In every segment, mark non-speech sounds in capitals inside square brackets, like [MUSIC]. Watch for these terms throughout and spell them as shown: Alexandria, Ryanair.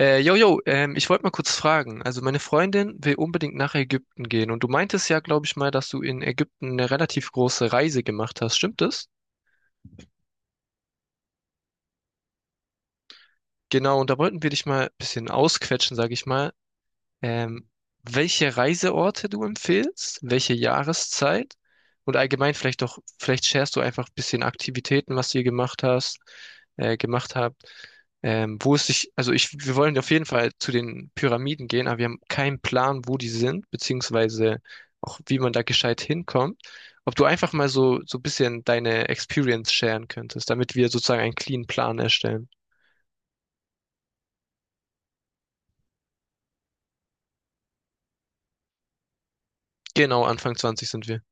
Ich wollte mal kurz fragen. Also meine Freundin will unbedingt nach Ägypten gehen und du meintest, ja, glaube ich mal, dass du in Ägypten eine relativ große Reise gemacht hast. Stimmt das? Genau, und da wollten wir dich mal ein bisschen ausquetschen, sage ich mal. Ähm, Welche Reiseorte du empfiehlst, welche Jahreszeit und allgemein vielleicht sharest du einfach ein bisschen Aktivitäten, was ihr gemacht habt. Wo es sich, also ich, Wir wollen auf jeden Fall zu den Pyramiden gehen, aber wir haben keinen Plan, wo die sind, beziehungsweise auch wie man da gescheit hinkommt. Ob du einfach mal so ein bisschen deine Experience sharen könntest, damit wir sozusagen einen clean Plan erstellen. Genau, Anfang 20 sind wir.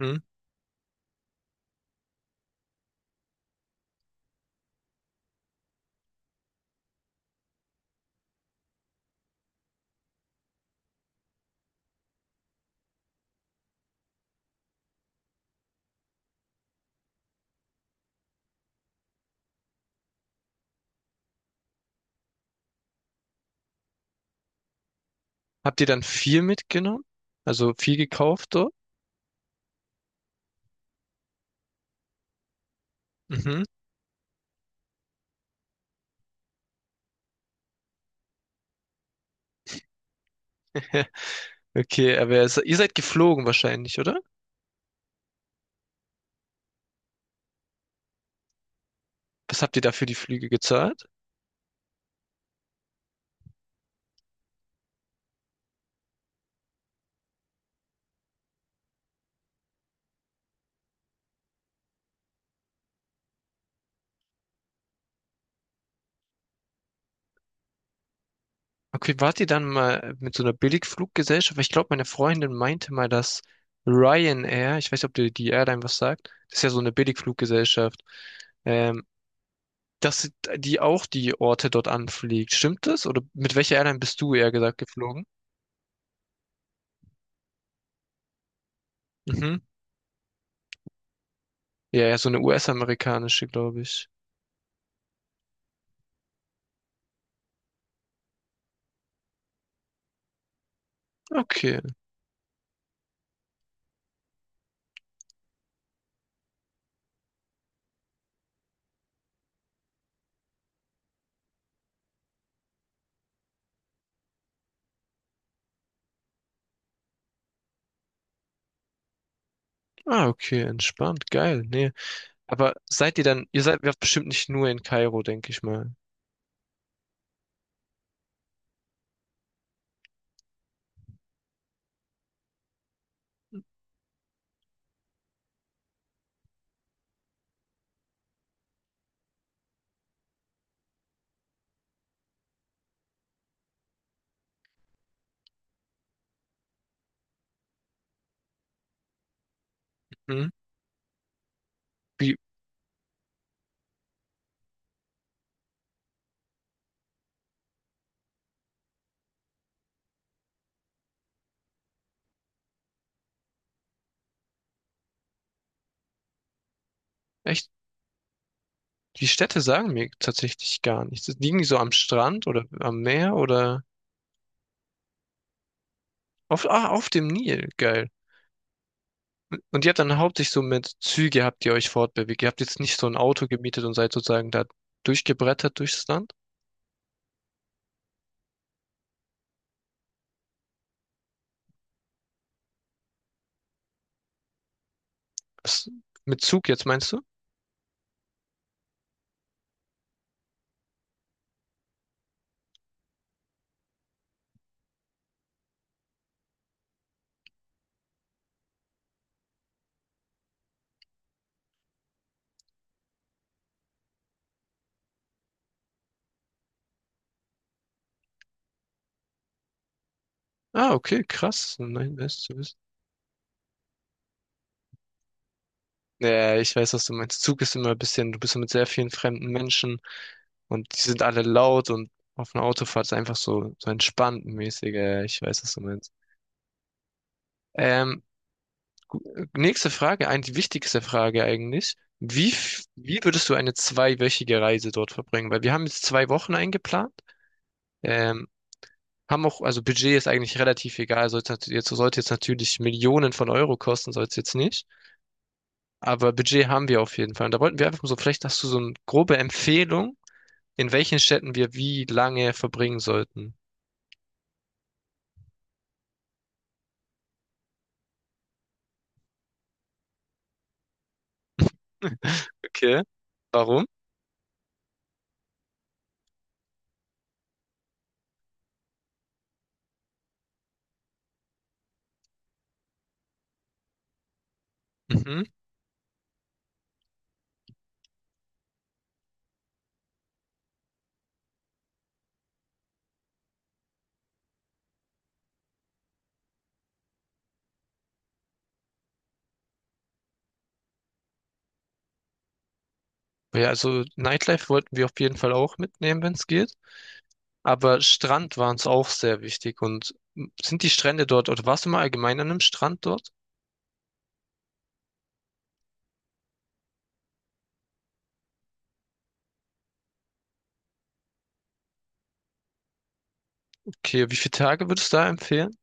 Mhm. Habt ihr dann viel mitgenommen? Also viel gekauft dort? Mhm. [LAUGHS] Okay, aber ihr seid geflogen wahrscheinlich, oder? Was habt ihr da für die Flüge gezahlt? Okay, wart ihr dann mal mit so einer Billigfluggesellschaft? Weil ich glaube, meine Freundin meinte mal, dass Ryanair, ich weiß nicht, ob dir die Airline was sagt, das ist ja so eine Billigfluggesellschaft, ähm, dass die auch die Orte dort anfliegt. Stimmt das? Oder mit welcher Airline bist du eher gesagt geflogen? Mhm. Ja, ja, so eine US-amerikanische, glaube ich. Okay. Ah, okay, entspannt. Geil. Nee. Aber ihr seid ja bestimmt nicht nur in Kairo, denke ich mal. Mhm. Wie, Echt, die Städte sagen mir tatsächlich gar nichts. Liegen die so am Strand oder am Meer oder ah, auf dem Nil? Geil. Und ihr habt dann hauptsächlich so mit Züge habt ihr euch fortbewegt. Ihr habt jetzt nicht so ein Auto gemietet und seid sozusagen da durchgebrettert durchs Land? Was? Mit Zug jetzt meinst du? Ah, okay, krass. Nein, weißt du wissen. Ja, ja, ich weiß, was du meinst. Zug ist immer ein bisschen, du bist so mit sehr vielen fremden Menschen und die sind alle laut, und auf einer Autofahrt ist einfach so entspannt mäßig. Ja, ja, ich weiß, was du meinst. Ähm, Nächste Frage, eigentlich die wichtigste Frage eigentlich. Wie würdest du eine zweiwöchige Reise dort verbringen? Weil wir haben jetzt zwei Wochen eingeplant. Ähm, Haben auch, also Budget ist eigentlich relativ egal. Sollte jetzt natürlich Millionen von Euro kosten, soll es jetzt nicht. Aber Budget haben wir auf jeden Fall. Und da wollten wir einfach so, vielleicht hast du so eine grobe Empfehlung, in welchen Städten wir wie lange verbringen sollten. Okay. Warum? Mhm. Ja, also Nightlife wollten wir auf jeden Fall auch mitnehmen, wenn es geht. Aber Strand war uns auch sehr wichtig. Und sind die Strände dort, oder warst du mal allgemein an einem Strand dort? Okay, wie viele Tage würdest du da empfehlen?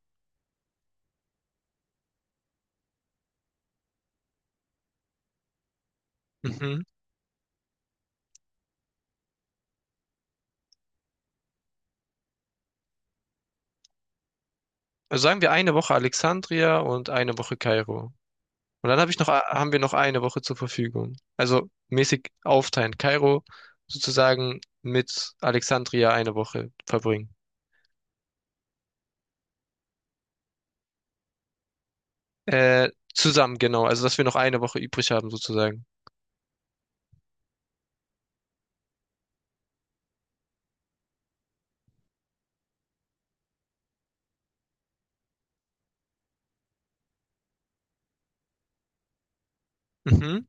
Mhm. Also sagen wir eine Woche Alexandria und eine Woche Kairo. Und dann habe ich noch, haben wir noch eine Woche zur Verfügung. Also mäßig aufteilen. Kairo sozusagen mit Alexandria eine Woche verbringen. Zusammen, genau. Also dass wir noch eine Woche übrig haben sozusagen. Mhm,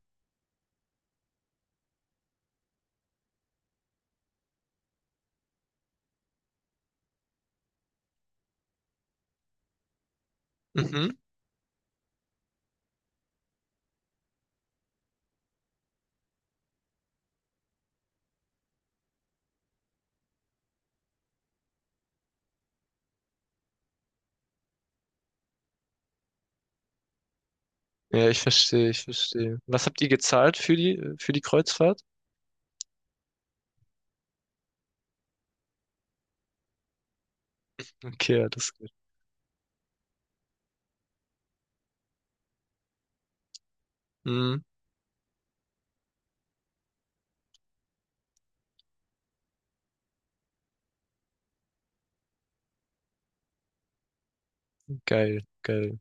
mhm. Ja, ich verstehe, ich verstehe. Was habt ihr gezahlt für für die Kreuzfahrt? Okay, ja, das geht. Mhm, geil, geil.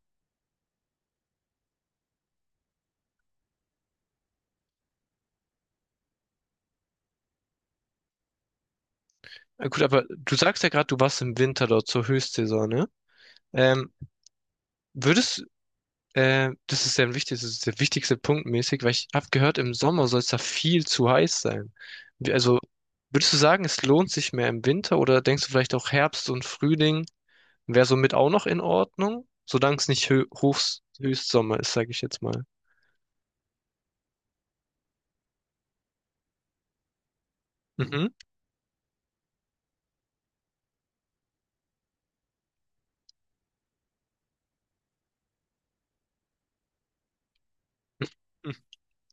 Gut, aber du sagst ja gerade, du warst im Winter dort zur Höchstsaison, ne? Ähm, würdest, Das ist sehr wichtig, das ist der wichtigste Punkt mäßig, weil ich habe gehört, im Sommer soll es da viel zu heiß sein. Also, würdest du sagen, es lohnt sich mehr im Winter, oder denkst du vielleicht auch Herbst und Frühling wäre somit auch noch in Ordnung, solange es nicht Hö Hochs Höchstsommer ist, sage ich jetzt mal. Mhm.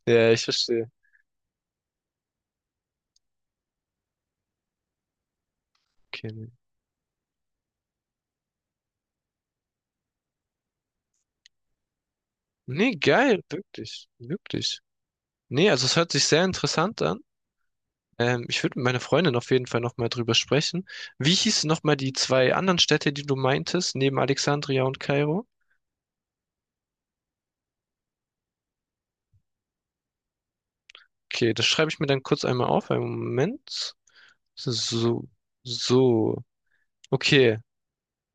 Ja, ich verstehe. Okay. Nee, nee, geil, wirklich, wirklich. Nee, also es hört sich sehr interessant an. Ich würde mit meiner Freundin auf jeden Fall nochmal drüber sprechen. Wie hießen nochmal die zwei anderen Städte, die du meintest, neben Alexandria und Kairo? Okay, das schreibe ich mir dann kurz einmal auf. Einen Moment. So, so. So. Okay.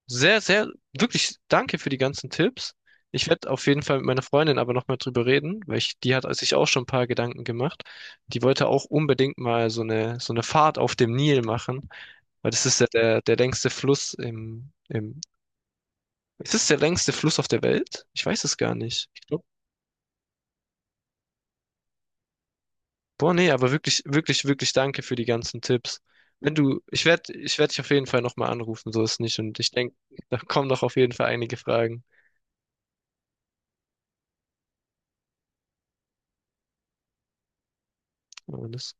Sehr, sehr, wirklich danke für die ganzen Tipps. Ich werde auf jeden Fall mit meiner Freundin aber nochmal drüber reden, weil die hat sich auch schon ein paar Gedanken gemacht. Die wollte auch unbedingt mal so eine Fahrt auf dem Nil machen, weil das ist ja der längste Fluss ist es der längste Fluss auf der Welt? Ich weiß es gar nicht. Ich glaub, boah, nee, aber wirklich, wirklich, wirklich danke für die ganzen Tipps. Wenn du, ich werde, Ich werde dich auf jeden Fall nochmal anrufen, so ist nicht. Und ich denke, da kommen doch auf jeden Fall einige Fragen. Alles.